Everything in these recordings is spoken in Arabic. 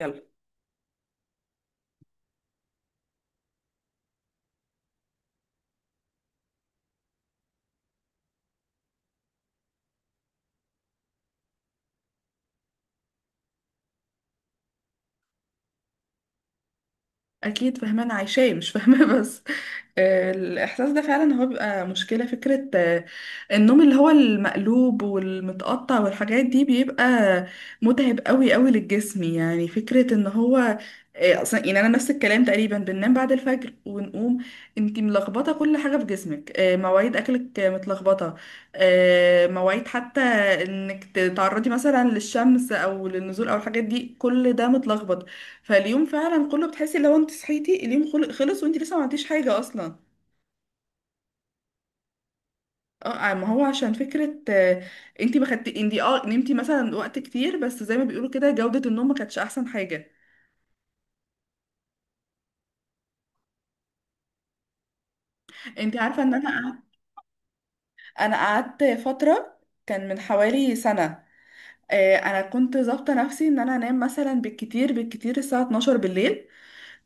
يلا. اكيد، فهمان عايشاه مش فاهمه بس، الاحساس ده فعلا هو بيبقى مشكله فكره، النوم اللي هو المقلوب والمتقطع والحاجات دي بيبقى متعب قوي قوي للجسم، يعني فكره ان هو اصلا، يعني انا نفس الكلام تقريبا بننام بعد الفجر ونقوم. انتي ملخبطه كل حاجه في جسمك، مواعيد اكلك متلخبطه، مواعيد حتى انك تتعرضي مثلا للشمس او للنزول او الحاجات دي، كل ده متلخبط. فاليوم فعلا كله بتحسي لو انت صحيتي اليوم خلص وانت لسه ما عملتيش حاجه اصلا. اه، ما هو عشان فكره، انت ما خدتي، انت اه نمتي مثلا وقت كتير بس زي ما بيقولوا كده جوده النوم ما كانتش احسن حاجه. انت عارفه ان انا قعدت، انا قعدت فتره، كان من حوالي سنه. انا كنت ظابطه نفسي ان انا انام مثلا بالكتير بالكتير الساعه 12 بالليل.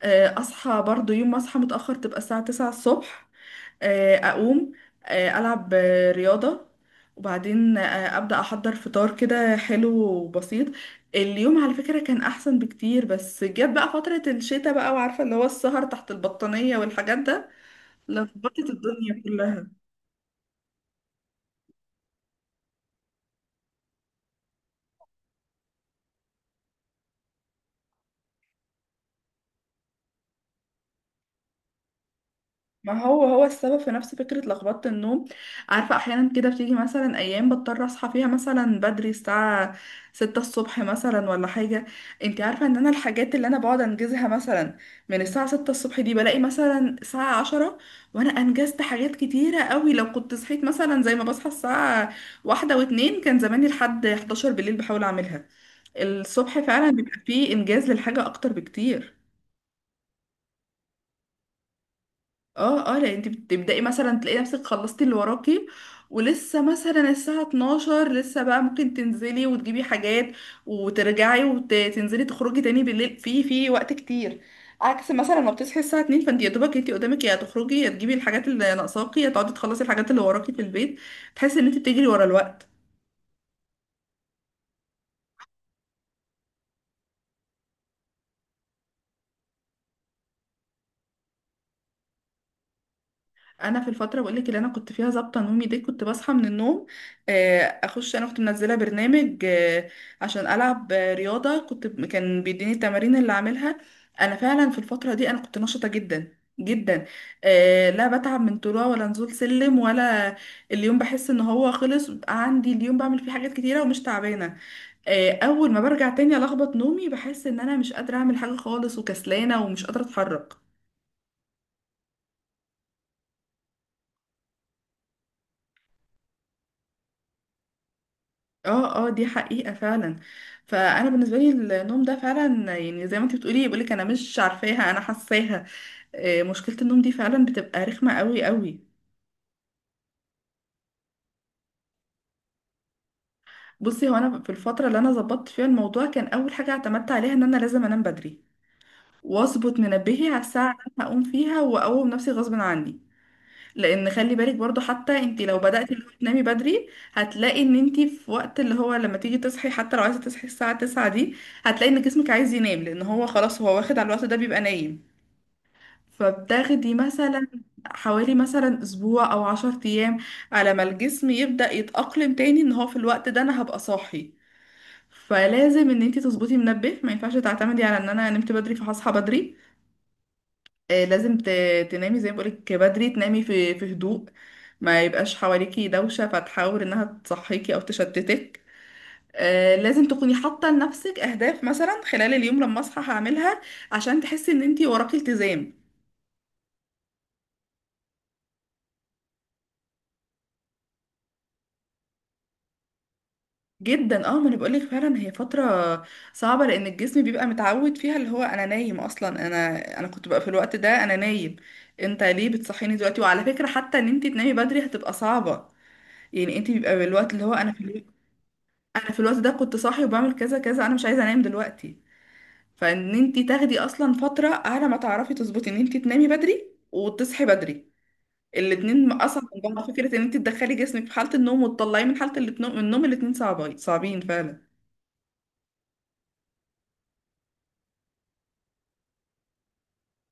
اصحى برضو يوم ما اصحى متأخر تبقى الساعة 9 الصبح، اقوم، العب رياضة، وبعدين ابدأ احضر فطار كده حلو وبسيط. اليوم على فكرة كان احسن بكتير، بس جت بقى فترة الشتاء بقى، وعارفة اللي هو السهر تحت البطانية والحاجات ده. لخبطت الدنيا كلها. ما هو هو السبب في نفس فكرة لخبطة النوم. عارفة، أحيانا كده بتيجي مثلا أيام بضطر أصحى فيها مثلا بدري الساعة 6 الصبح مثلا ولا حاجة. انتي عارفة إن أنا الحاجات اللي أنا بقعد أنجزها مثلا من الساعة 6 الصبح دي بلاقي مثلا الساعة 10 وأنا أنجزت حاجات كتيرة قوي. لو كنت صحيت مثلا زي ما بصحى الساعة واحدة واتنين كان زماني لحد 11 بالليل بحاول أعملها. الصبح فعلا اه بيبقى فيه إنجاز للحاجة أكتر بكتير. اه، اه، لا، انت بتبدأي مثلا تلاقي نفسك خلصتي اللي وراكي، ولسه مثلا الساعة 12 لسه بقى ممكن تنزلي وتجيبي حاجات وترجعي وتنزلي تخرجي تاني بالليل، في وقت كتير. عكس مثلا ما بتصحي الساعة 2 فانت يا دوبك، انت قدامك يا تخرجي، يا تجيبي الحاجات اللي ناقصاكي، يا تقعدي تخلصي الحاجات اللي وراكي في البيت. تحسي ان انت بتجري ورا الوقت. انا في الفتره بقول لك اللي انا كنت فيها ظابطه نومي دي كنت بصحى من النوم، اخش، انا كنت منزله برنامج عشان العب رياضه، كنت كان بيديني التمارين اللي اعملها. انا فعلا في الفتره دي انا كنت نشطه جدا جدا. آه لا، بتعب من طلوع ولا نزول سلم ولا اليوم. بحس ان هو خلص بقى. عندي اليوم بعمل فيه حاجات كتيره ومش تعبانه. اول ما برجع تاني الخبط نومي بحس ان انا مش قادره اعمل حاجه خالص، وكسلانه ومش قادره اتحرك. اه اه دي حقيقة فعلا. فانا بالنسبة لي النوم ده فعلا، يعني زي ما انت بتقولي بقولك انا مش عارفاها انا حاساها. مشكلة النوم دي فعلا بتبقى رخمة قوي قوي. بصي، هو انا في الفترة اللي انا ظبطت فيها الموضوع كان اول حاجة اعتمدت عليها ان انا لازم انام بدري واظبط منبهي على الساعة اللي انا هقوم فيها، واقوم نفسي غصب عني. لان خلي بالك برضو، حتى انت لو بدأتي اللي هو تنامي بدري، هتلاقي ان انت في وقت اللي هو لما تيجي تصحي، حتى لو عايزه تصحي الساعه 9 دي، هتلاقي ان جسمك عايز ينام لان هو خلاص هو واخد على الوقت ده بيبقى نايم. فبتاخدي مثلا حوالي مثلا اسبوع او 10 ايام على ما الجسم يبدأ يتأقلم تاني ان هو في الوقت ده انا هبقى صاحي. فلازم ان انت تظبطي منبه، ما ينفعش تعتمدي على ان انا نمت بدري فهصحى بدري. آه، لازم ت- تنامي زي ما بقولك بدري، تنامي في هدوء، ما يبقاش حواليكي دوشة فتحاول انها تصحيكي او تشتتك. لازم تكوني حاطة لنفسك اهداف مثلا خلال اليوم لما اصحى هعملها عشان تحسي ان انتي وراكي التزام. جدا، اه، ما انا بقولك فعلا هي فترة صعبة لان الجسم بيبقى متعود فيها اللي هو انا نايم اصلا، انا كنت بقى في الوقت ده انا نايم، انت ليه بتصحيني دلوقتي؟ وعلى فكرة، حتى ان انتي تنامي بدري هتبقى صعبة. يعني انت بيبقى بالوقت اللي هو انا في اليوم، انا في الوقت ده كنت صاحي وبعمل كذا كذا، انا مش عايزه انام دلوقتي. فان انتي تاخدي اصلا فتره على ما تعرفي تظبطي ان انتي تنامي بدري وتصحي بدري، الاتنين اصعب من بعض. فكره ان انتي تدخلي جسمك في حاله النوم وتطلعيه من حاله النوم، الاتنين صعبين صعبين فعلا.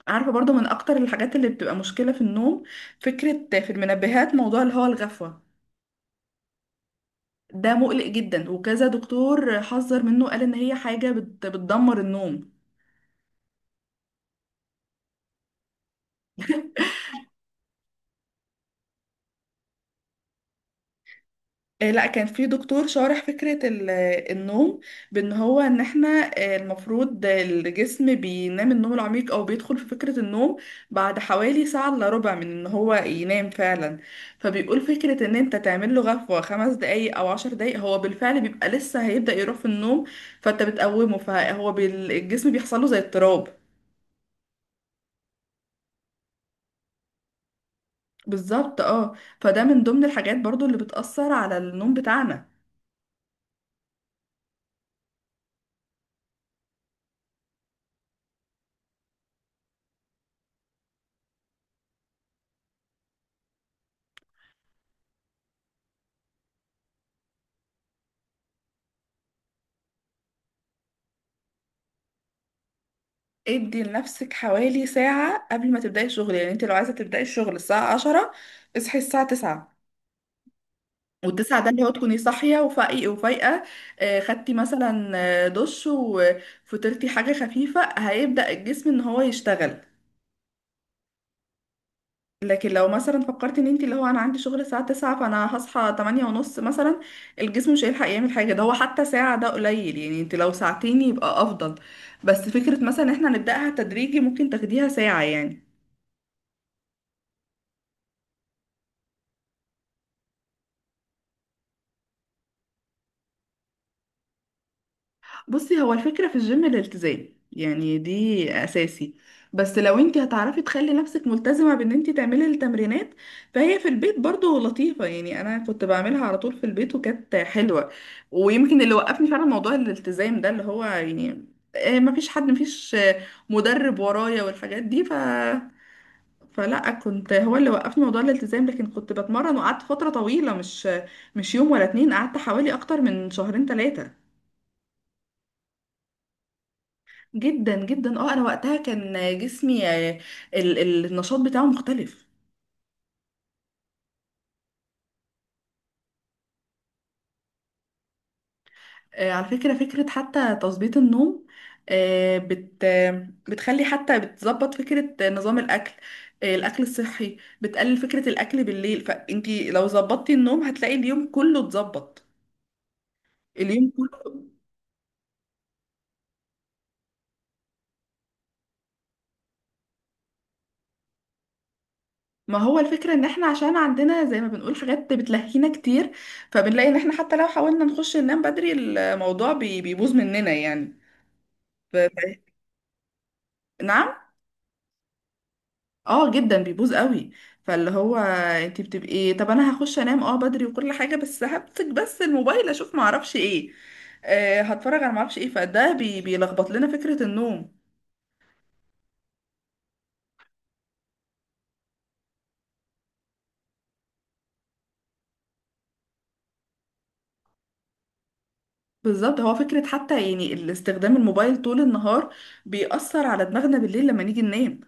عارفه برضو من اكتر الحاجات اللي بتبقى مشكله في النوم فكره في المنبهات، موضوع اللي هو الغفوه. ده مقلق جدا، وكذا دكتور حذر منه، قال ان هي حاجه بتدمر النوم. لا، كان في دكتور شارح فكرة النوم، بان هو ان احنا المفروض الجسم بينام النوم العميق او بيدخل في فكرة النوم بعد حوالي ساعة الا ربع من ان هو ينام فعلا. فبيقول فكرة ان انت تعمل له غفوة 5 دقايق او 10 دقايق، هو بالفعل بيبقى لسه هيبدأ يروح في النوم، فانت بتقومه، فهو الجسم بيحصل له زي اضطراب. بالظبط، اه. فده من ضمن الحاجات برضو اللي بتأثر على النوم بتاعنا. ادي لنفسك حوالي ساعة قبل ما تبدأي الشغل، يعني انت لو عايزة تبدأي الشغل الساعة 10، اصحي الساعة 9. والتسعة ده اللي هو تكوني صاحية وفايقة وفايقة. خدتي مثلا دش وفطرتي حاجة خفيفة هيبدأ الجسم ان هو يشتغل. لكن لو مثلا فكرتي ان انت اللي هو انا عندي شغل الساعة 9 فانا هصحى 8 ونص مثلا، الجسم مش هيلحق يعمل حاجة. ده هو حتى ساعة ده قليل، يعني انت لو ساعتين يبقى افضل. بس فكرة مثلا ان احنا نبدأها تدريجي ممكن تاخديها ساعة يعني. بصي، هو الفكرة في الجيم الالتزام، يعني دي أساسي. بس لو انت هتعرفي تخلي نفسك ملتزمة بان انت تعملي التمرينات، فهي في البيت برضو لطيفة، يعني انا كنت بعملها على طول في البيت وكانت حلوة. ويمكن اللي وقفني فعلا موضوع الالتزام ده اللي هو، يعني مفيش حد، مفيش آه، مدرب ورايا والحاجات دي. فلا، كنت هو اللي وقفني موضوع الالتزام، لكن كنت بتمرن وقعدت فترة طويلة، مش يوم ولا اتنين، قعدت حوالي اكتر من شهرين 3. جدا جدا اه، انا وقتها كان جسمي، النشاط بتاعه مختلف. على فكرة، فكرة حتى تظبيط النوم آه، بت آه، بتخلي حتى بتظبط فكرة نظام الأكل. الأكل الصحي بتقلل فكرة الأكل بالليل، فانتي لو ظبطتي النوم هتلاقي اليوم كله اتظبط. اليوم كله. ما هو الفكرة ان احنا عشان عندنا زي ما بنقول حاجات بتلهينا كتير، فبنلاقي ان احنا حتى لو حاولنا نخش ننام بدري، الموضوع بيبوظ مننا يعني. ف... ف- نعم. اه جدا بيبوظ قوي. فاللي هو انت بتبقي، طب انا هخش انام اه بدري وكل حاجه، بس همسك بس الموبايل اشوف ما اعرفش ايه. آه، هتفرج على ما اعرفش ايه، فده بيلخبط لنا فكره النوم. بالظبط، هو فكره حتى يعني الاستخدام الموبايل طول النهار بيأثر على دماغنا بالليل لما نيجي ننام.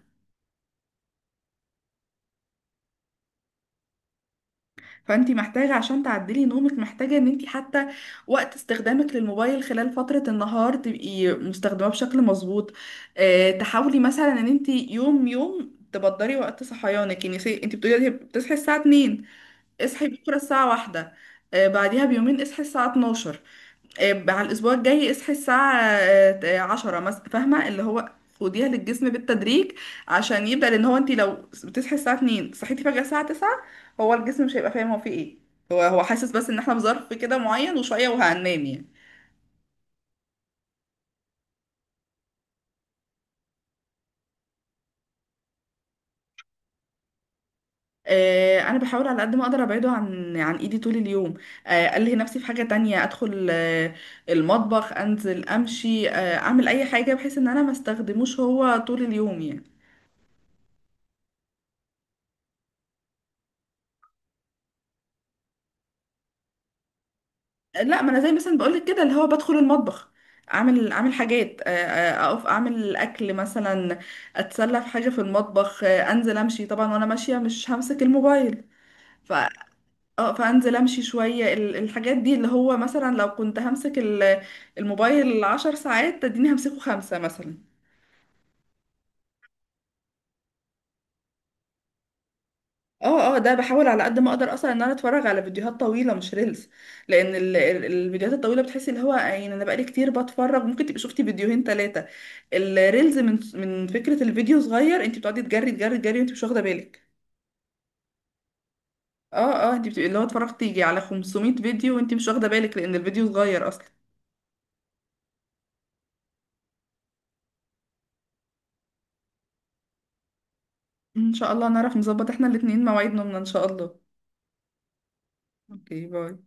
فانت محتاجة عشان تعدلي نومك، محتاجة ان انت حتى وقت استخدامك للموبايل خلال فترة النهار تبقي مستخدماه بشكل مظبوط. اه، تحاولي مثلا ان انت يوم يوم تبدري وقت صحيانك، يعني سي انت بتقولي دلوقتي بتصحي الساعة 2، اصحي بكرة الساعة 1، اه، بعديها بيومين اصحي الساعة 12، على الأسبوع الجاي اصحي الساعة عشرة مثلا. فاهمة؟ اللي هو خديها للجسم بالتدريج عشان يبدأ. لأن هو انت لو بتصحي الساعة 2 صحيتي فجأة الساعة 9، هو الجسم مش هيبقى فاهم هو فيه ايه. هو هو حاسس بس ان احنا في ظرف كده معين وشوية وهننام يعني. انا بحاول على قد ما اقدر ابعده عن ايدي طول اليوم. الهي نفسي في حاجه تانية، ادخل المطبخ، انزل امشي، اعمل اي حاجه بحيث ان انا ما استخدموش هو طول اليوم يعني. لا، ما انا زي مثلا بقولك كده اللي هو بدخل المطبخ، اعمل حاجات، اقف اعمل اكل مثلا، اتسلى في حاجه في المطبخ، انزل امشي طبعا، وانا ماشيه مش همسك الموبايل. ف اه، فانزل امشي شويه. الحاجات دي اللي هو مثلا لو كنت همسك الموبايل 10 ساعات تديني همسكه خمسه مثلا. اه اه ده بحاول على قد ما اقدر اصلا ان انا اتفرج على فيديوهات طويله مش ريلز، لان الفيديوهات الطويله بتحسي اللي هو يعني انا بقالي كتير بتفرج ممكن تبقي شفتي فيديوهين 3. الريلز من فكره الفيديو صغير، انت بتقعدي تجري تجري تجري وانت مش واخده بالك. اه، اه، انت بتبقي اللي هو اتفرجتي يجي على 500 فيديو وانت مش واخده بالك لان الفيديو صغير اصلا. ان شاء الله نعرف نظبط احنا الاتنين مواعيد نومنا ان شاء الله. اوكي، باي.